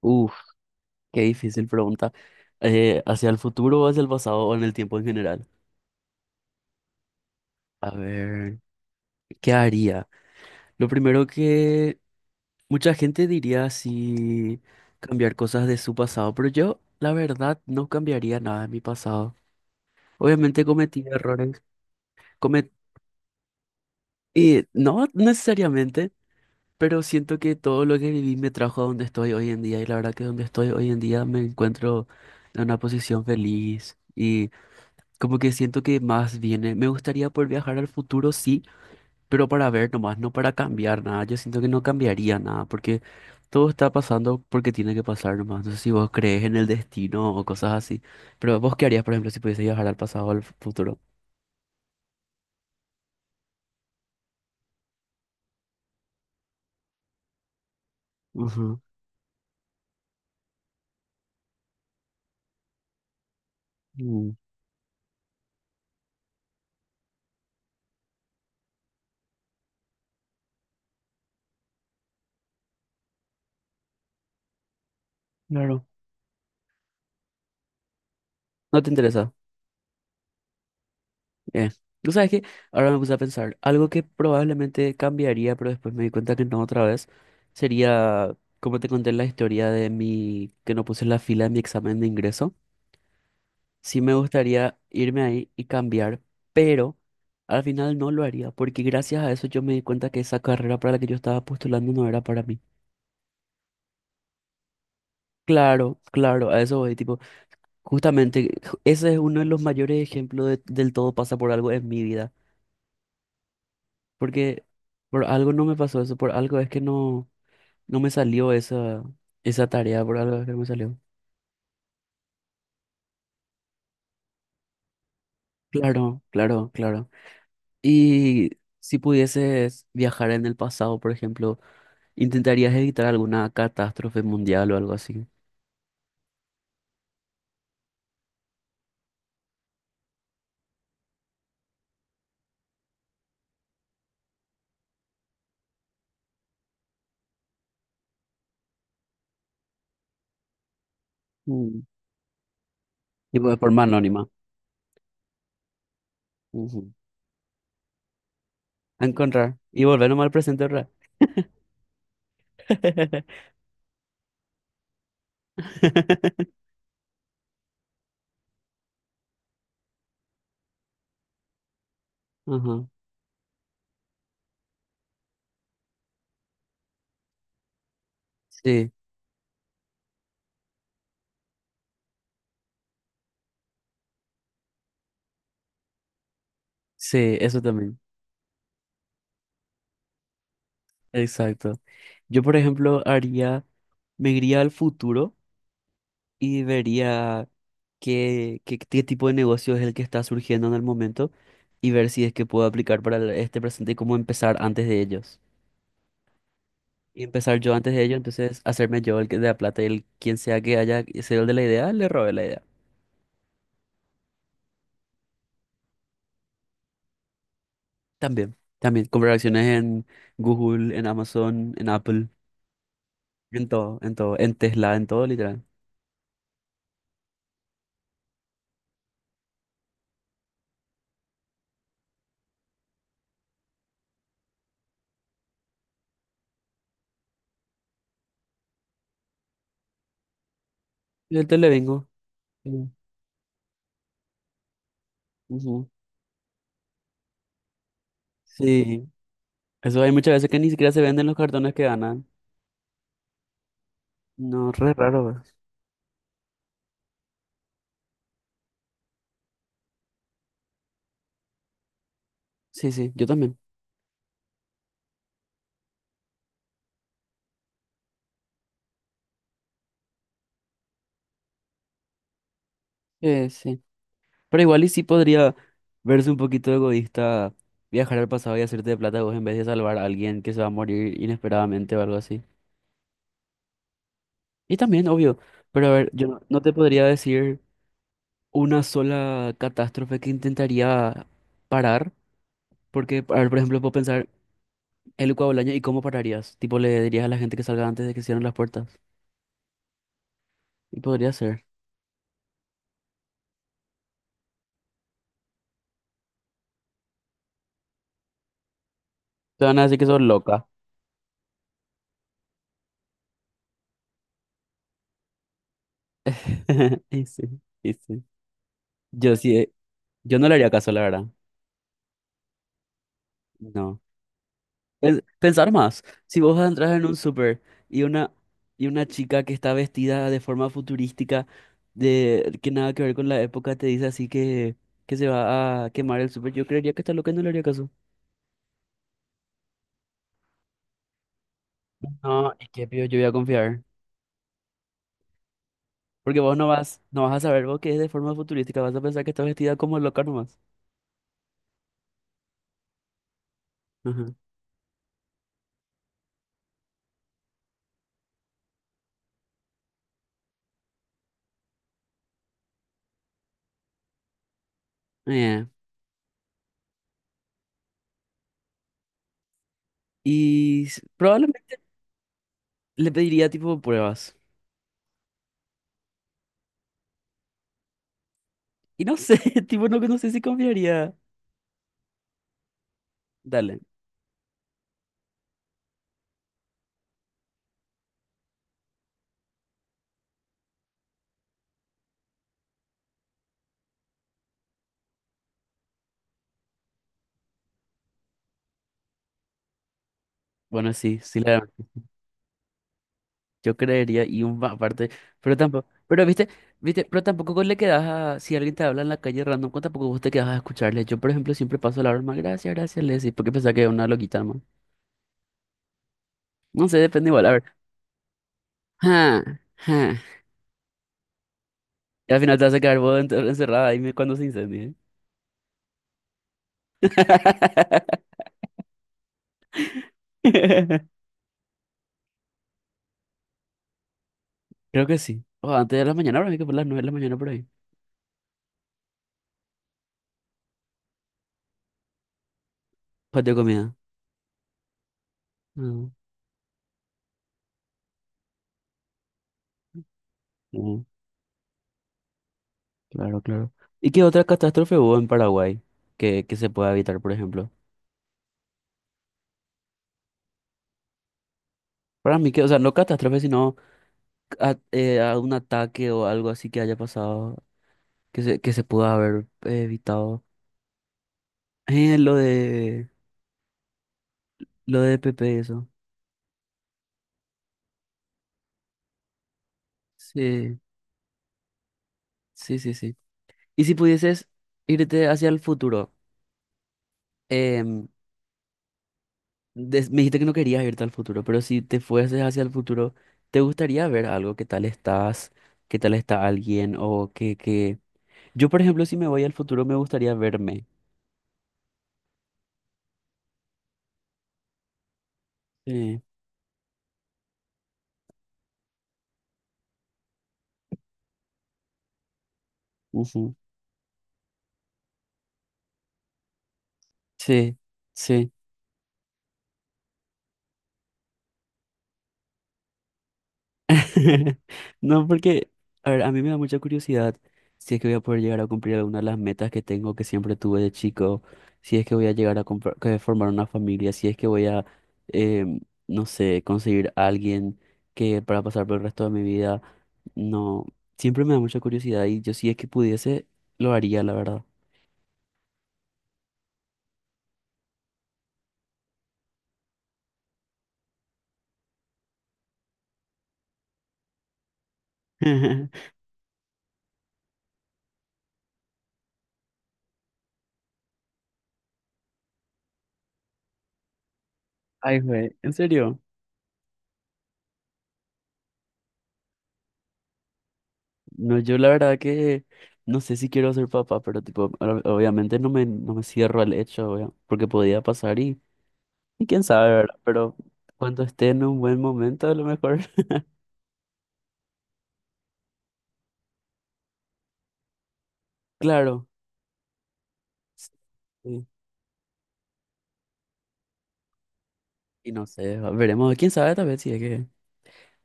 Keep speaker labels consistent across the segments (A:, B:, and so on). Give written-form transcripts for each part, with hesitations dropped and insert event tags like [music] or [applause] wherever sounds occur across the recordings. A: Uf, qué difícil pregunta. ¿Hacia el futuro o hacia el pasado o en el tiempo en general? A ver, ¿qué haría? Lo primero que mucha gente diría si cambiar cosas de su pasado, pero yo, la verdad, no cambiaría nada de mi pasado. Obviamente cometí errores, comet y no necesariamente, pero siento que todo lo que viví me trajo a donde estoy hoy en día y la verdad que donde estoy hoy en día me encuentro en una posición feliz. Como que siento que más viene, me gustaría poder viajar al futuro, sí, pero para ver nomás, no para cambiar nada. Yo siento que no cambiaría nada, porque todo está pasando porque tiene que pasar nomás. No sé si vos crees en el destino o cosas así, ¿pero vos qué harías, por ejemplo, si pudiese viajar al pasado o al futuro? Ujú. Mm, claro. No te interesa. Eh. Tú sabes que ahora me puse a pensar, algo que probablemente cambiaría, pero después me di cuenta que no otra vez, sería, como te conté la historia de mi, que no puse la fila en mi examen de ingreso. Sí me gustaría irme ahí y cambiar, pero al final no lo haría, porque gracias a eso yo me di cuenta que esa carrera para la que yo estaba postulando no era para mí. Claro, claro, a eso voy, tipo, justamente ese es uno de los mayores ejemplos del todo pasa por algo en mi vida, porque por algo no me pasó eso, por algo es que no, no me salió esa, esa tarea, por algo es que no me salió. Claro, claro, claro. Y si pudieses viajar en el pasado, por ejemplo, ¿intentarías evitar alguna catástrofe mundial o algo así? Mm. Y por forma anónima. Ujú. A encontrar y volver nomás al presente, ¿verdad? [laughs] Ajá. Sí, sí, eso también. Exacto. Yo, por ejemplo, haría, me iría al futuro y vería qué tipo de negocio es el que está surgiendo en el momento y ver si es que puedo aplicar para este presente y cómo empezar antes de ellos. Y empezar yo antes de ello, entonces hacerme yo de la plata y el quien sea que haya sido el de la idea, le robé la idea. También, también, comprar acciones en Google, en Amazon, en Apple, en todo, en todo, en Tesla, en todo, literal. Y el Televingo. Sí, ujú. Sí, eso hay muchas veces que ni siquiera se venden los cartones que ganan. No, re raro, ¿verdad? Sí, sí, yo también. Sí. Pero igual y sí podría verse un poquito egoísta viajar al pasado y hacerte de plata vos en vez de salvar a alguien que se va a morir inesperadamente o algo así. Y también, obvio, pero a ver, yo no te podría decir una sola catástrofe que intentaría parar, porque, a ver, por ejemplo, puedo pensar el Ucao del año y cómo pararías. Tipo, le dirías a la gente que salga antes de que cierren las puertas. Y podría ser. Te van a decir que sos loca. [laughs] Y sí, y sí. Yo sí, yo no le haría caso, la verdad. No. Pensar más. Si vos entras en un súper y una, y una chica que está vestida de forma futurística de que nada que ver con la época te dice así que se va a quemar el súper, yo creería que está loca y no le haría caso. No, es que pido, yo voy a confiar. Porque vos no vas a saber vos que es de forma futurística, vas a pensar que está vestida como loca nomás. Ajá. Eh, Y probablemente le pediría tipo pruebas. Y no sé, [laughs] tipo no sé si confiaría. Dale. Bueno, sí, sí le. Yo creería, y un aparte, pero tampoco, pero viste, pero tampoco le quedas a, si alguien te habla en la calle random, pues tampoco vos te quedas a escucharle. Yo, por ejemplo, siempre paso la broma, gracias, gracias, le decís, porque pensaba que era una loquita más. No sé, depende igual, a ver. Ja, ja. Y al final te vas a quedar vos encerrada ahí cuando se incendie. [laughs] Creo que sí. O antes de la mañana, ahora hay que por las nueve de la mañana por ahí. Patio de comida. Mm, mm, claro, claro. ¿Y qué otra catástrofe hubo en Paraguay que se pueda evitar, por ejemplo? Para mí que, o sea, no catástrofe, sino a un ataque o algo así que haya pasado, que se pudo haber evitado. Eh, lo de, lo de Pepe, eso. Sí, sí, sí, sí. Y si pudieses irte hacia el futuro, em, me dijiste que no querías irte al futuro, pero si te fueses hacia el futuro, ¿te gustaría ver algo? ¿Qué tal estás? ¿Qué tal está alguien? O que... Yo, por ejemplo, si me voy al futuro, me gustaría verme. Sí, ujú. Sí, sí. [laughs] No, porque, a ver, a mí me da mucha curiosidad si es que voy a poder llegar a cumplir alguna de las metas que tengo, que siempre tuve de chico, si es que voy a llegar a que formar una familia, si es que voy a, em, no sé, conseguir a alguien que para pasar por el resto de mi vida, no, siempre me da mucha curiosidad y yo si es que pudiese, lo haría, la verdad. [laughs] Ay, güey, ¿en serio? No, yo la verdad que no sé si quiero ser papá, pero tipo, obviamente no me cierro al hecho, porque podía pasar y quién sabe, ¿verdad? Pero cuando esté en un buen momento, a lo mejor, [laughs] claro. Sí, y no sé, veremos, quién sabe, tal vez si es que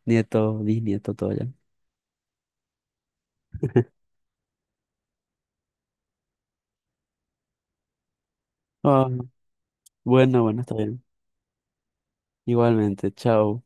A: nieto, bisnieto, todo ya. [laughs] Ah, bueno, bueno, está bien. Igualmente, chao.